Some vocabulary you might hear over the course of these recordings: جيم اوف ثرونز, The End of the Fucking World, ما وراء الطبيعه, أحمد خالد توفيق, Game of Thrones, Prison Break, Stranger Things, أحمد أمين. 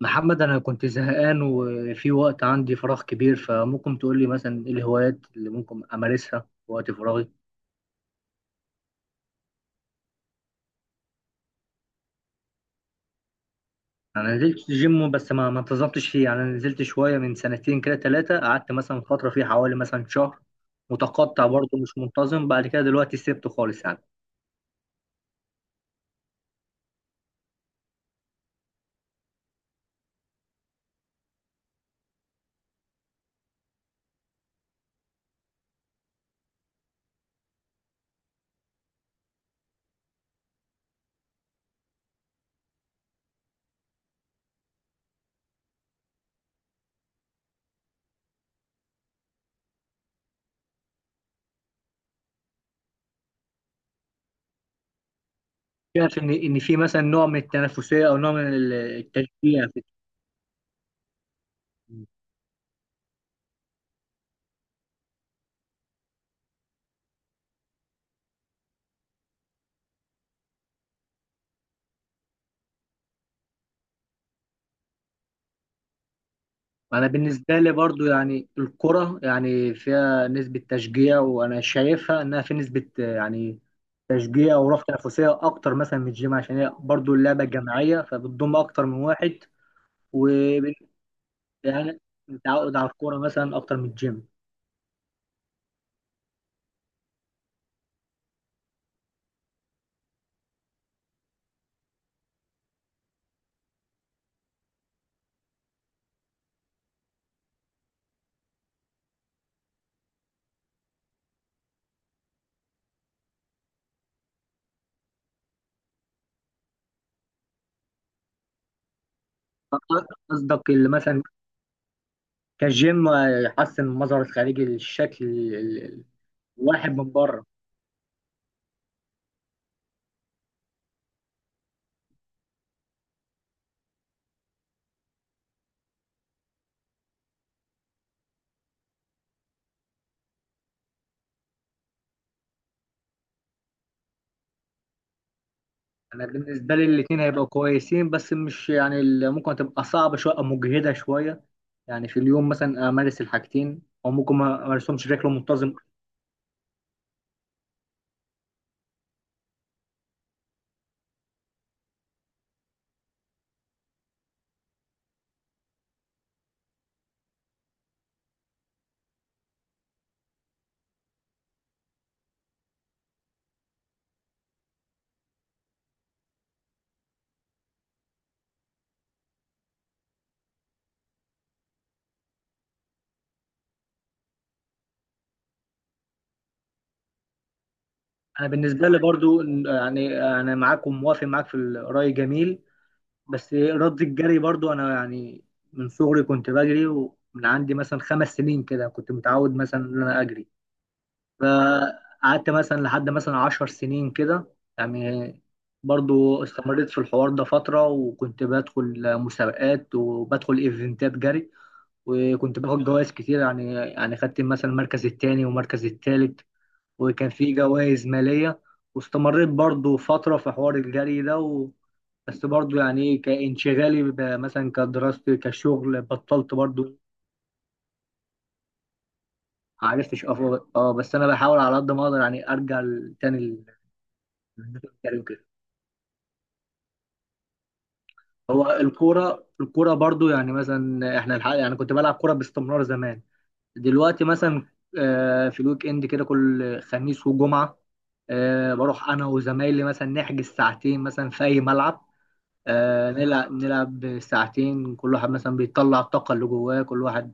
محمد، أنا كنت زهقان وفي وقت عندي فراغ كبير، فممكن تقول لي مثلا إيه الهوايات اللي ممكن أمارسها في وقت فراغي؟ أنا نزلت جيم بس ما انتظمتش فيه. يعني أنا نزلت شوية من سنتين كده ثلاثة، قعدت مثلا فترة فيه حوالي مثلا شهر متقطع برضه، مش منتظم. بعد كده دلوقتي سبته خالص يعني. شايف إن في مثلا نوع من التنافسية أو نوع من التشجيع في. انا بالنسبه لي برضو يعني الكره يعني فيها نسبه تشجيع، وانا شايفها انها في نسبه، يعني تشجيع وروح تنافسيه اكتر مثلا من الجيم، عشان هي برضو اللعبه الجماعيه فبتضم اكتر من واحد. و يعني متعود على الكوره مثلا اكتر من الجيم. قصدك اللي مثلا كجيم يحسن المظهر الخارجي للشكل ال- الواحد من بره. انا بالنسبه لي الاثنين هيبقوا كويسين، بس مش يعني ممكن تبقى صعبه شويه او مجهده شويه. يعني في اليوم مثلا امارس الحاجتين او ممكن ما امارسهمش بشكل منتظم. انا بالنسبه لي برضو، يعني انا معاك وموافق معاك في الراي، جميل. بس رد الجري برضو، انا يعني من صغري كنت بجري، ومن عندي مثلا 5 سنين كده كنت متعود مثلا ان انا اجري. فقعدت مثلا لحد مثلا 10 سنين كده يعني، برضو استمريت في الحوار ده فترة، وكنت بدخل مسابقات وبدخل ايفنتات جري، وكنت باخد جوائز كتير، يعني خدت مثلا المركز التاني والمركز التالت، وكان في جوائز مالية. واستمريت برضو فترة في حوار الجري ده بس برضو، يعني ايه، كانشغالي مثلا كدراستي كشغل بطلت برضو. معرفتش، بس انا بحاول على قد ما اقدر يعني ارجع تاني. بنتكلم كده. هو الكوره الكوره برضو يعني، مثلا احنا الحق، يعني كنت بلعب كوره باستمرار زمان. دلوقتي مثلا في الويك اند كده كل خميس وجمعه، بروح انا وزمايلي مثلا نحجز ساعتين مثلا في اي ملعب، نلعب نلعب ساعتين. كل واحد مثلا بيطلع الطاقه اللي جواه، كل واحد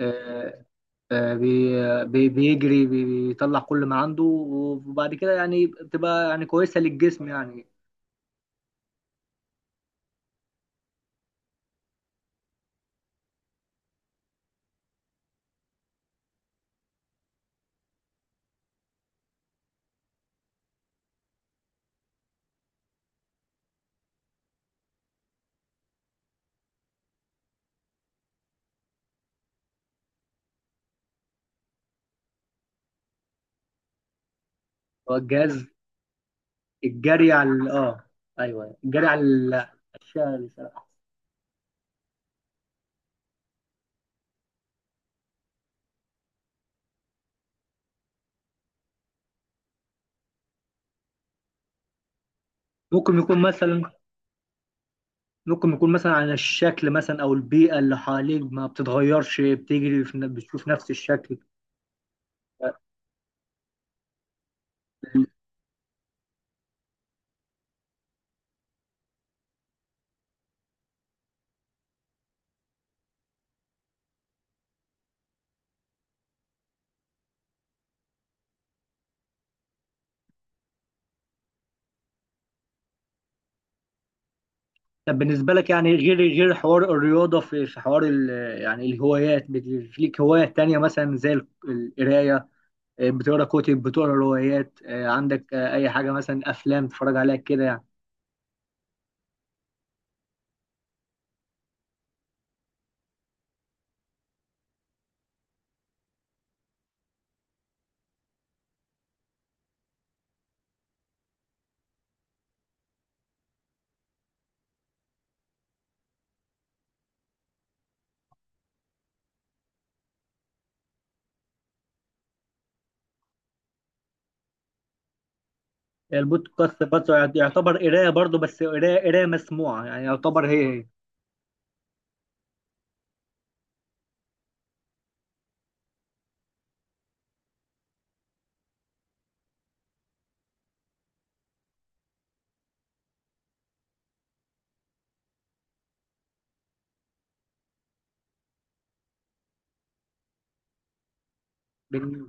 آه، بيجري بيطلع كل ما عنده، وبعد كده يعني بتبقى يعني كويسه للجسم يعني. هو الجهاز، الجري على اه، ايوه، الجري على الشارع. ممكن يكون مثلا ممكن يكون مثلا عن الشكل مثلا او البيئه اللي حواليك ما بتتغيرش، بتجري في بتشوف نفس الشكل. طب بالنسبه لك يعني، غير حوار الرياضه، في حوار يعني الهوايات في ليك هوايات تانية مثلا زي القرايه؟ بتقرا كتب، بتقرا روايات، عندك اي حاجه مثلا، افلام تتفرج عليها كده يعني؟ البودكاست برضه يعتبر قرايه برضه، بس قرايه قرايه مسموعه، يعني يعتبر هي هي. بن...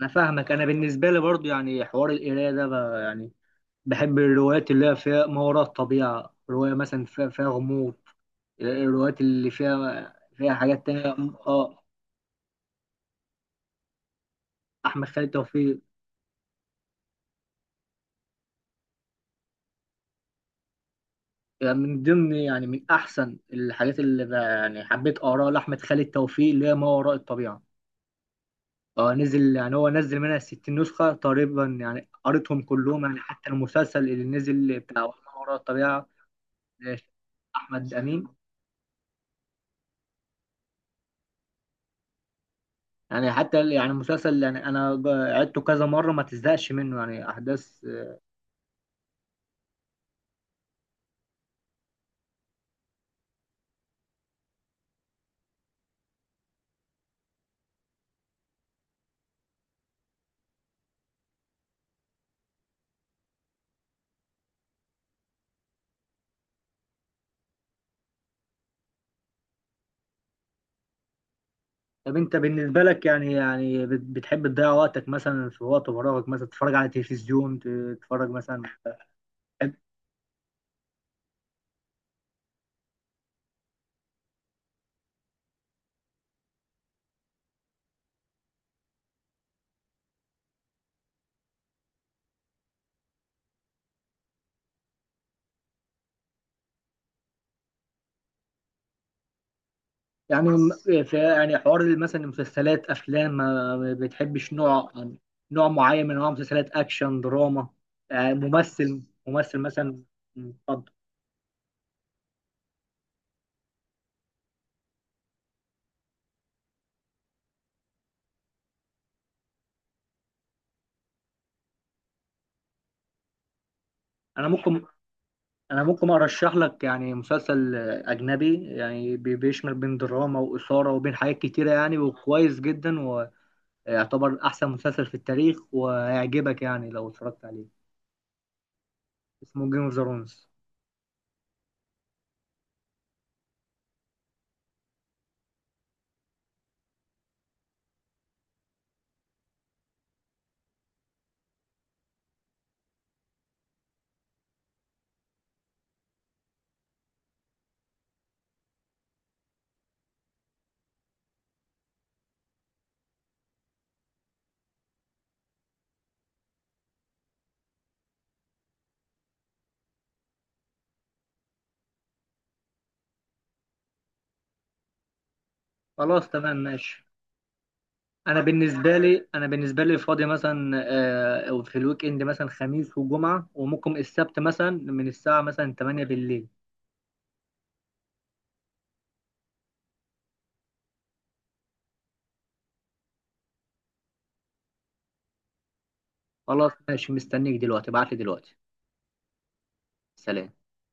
انا فاهمك. انا بالنسبه لي برضو يعني حوار القرايه ده يعني بحب الروايات اللي هي فيها ما وراء الطبيعه، روايه مثلا فيها غموض، الروايات اللي فيها حاجات تانية. اه، احمد خالد توفيق. يعني من ضمن يعني من احسن الحاجات اللي يعني حبيت اقراها لاحمد خالد توفيق اللي هي ما وراء الطبيعه. اه، نزل يعني هو نزل منها 60 نسخه تقريبا، يعني قريتهم كلهم. يعني حتى المسلسل اللي نزل بتاع ما وراء الطبيعه، آه، احمد امين. يعني حتى يعني المسلسل، يعني انا عدته كذا مره ما تزهقش منه، يعني احداث. طب انت بالنسبه لك بتحب تضيع وقتك مثلا في وقت فراغك؟ مثلا تتفرج على التلفزيون، تتفرج مثلا يعني في يعني حوار مثلا المسلسلات افلام؟ ما بتحبش نوع يعني، نوع معين من انواع المسلسلات، اكشن، دراما، يعني ممثل ممثل مثلا؟ اتفضل. انا ممكن انا ممكن ارشح لك يعني مسلسل اجنبي، يعني بيشمل بين دراما واثاره وبين حاجات كتيره يعني، وكويس جدا، ويعتبر احسن مسلسل في التاريخ، وهيعجبك يعني لو اتفرجت عليه. اسمه جيم اوف ثرونز. خلاص تمام، ماشي. انا بالنسبه لي فاضي مثلا في الويك اند مثلا خميس وجمعه وممكن السبت، مثلا من الساعه مثلا 8 بالليل. خلاص ماشي، مستنيك دلوقتي، ابعت لي دلوقتي. سلام.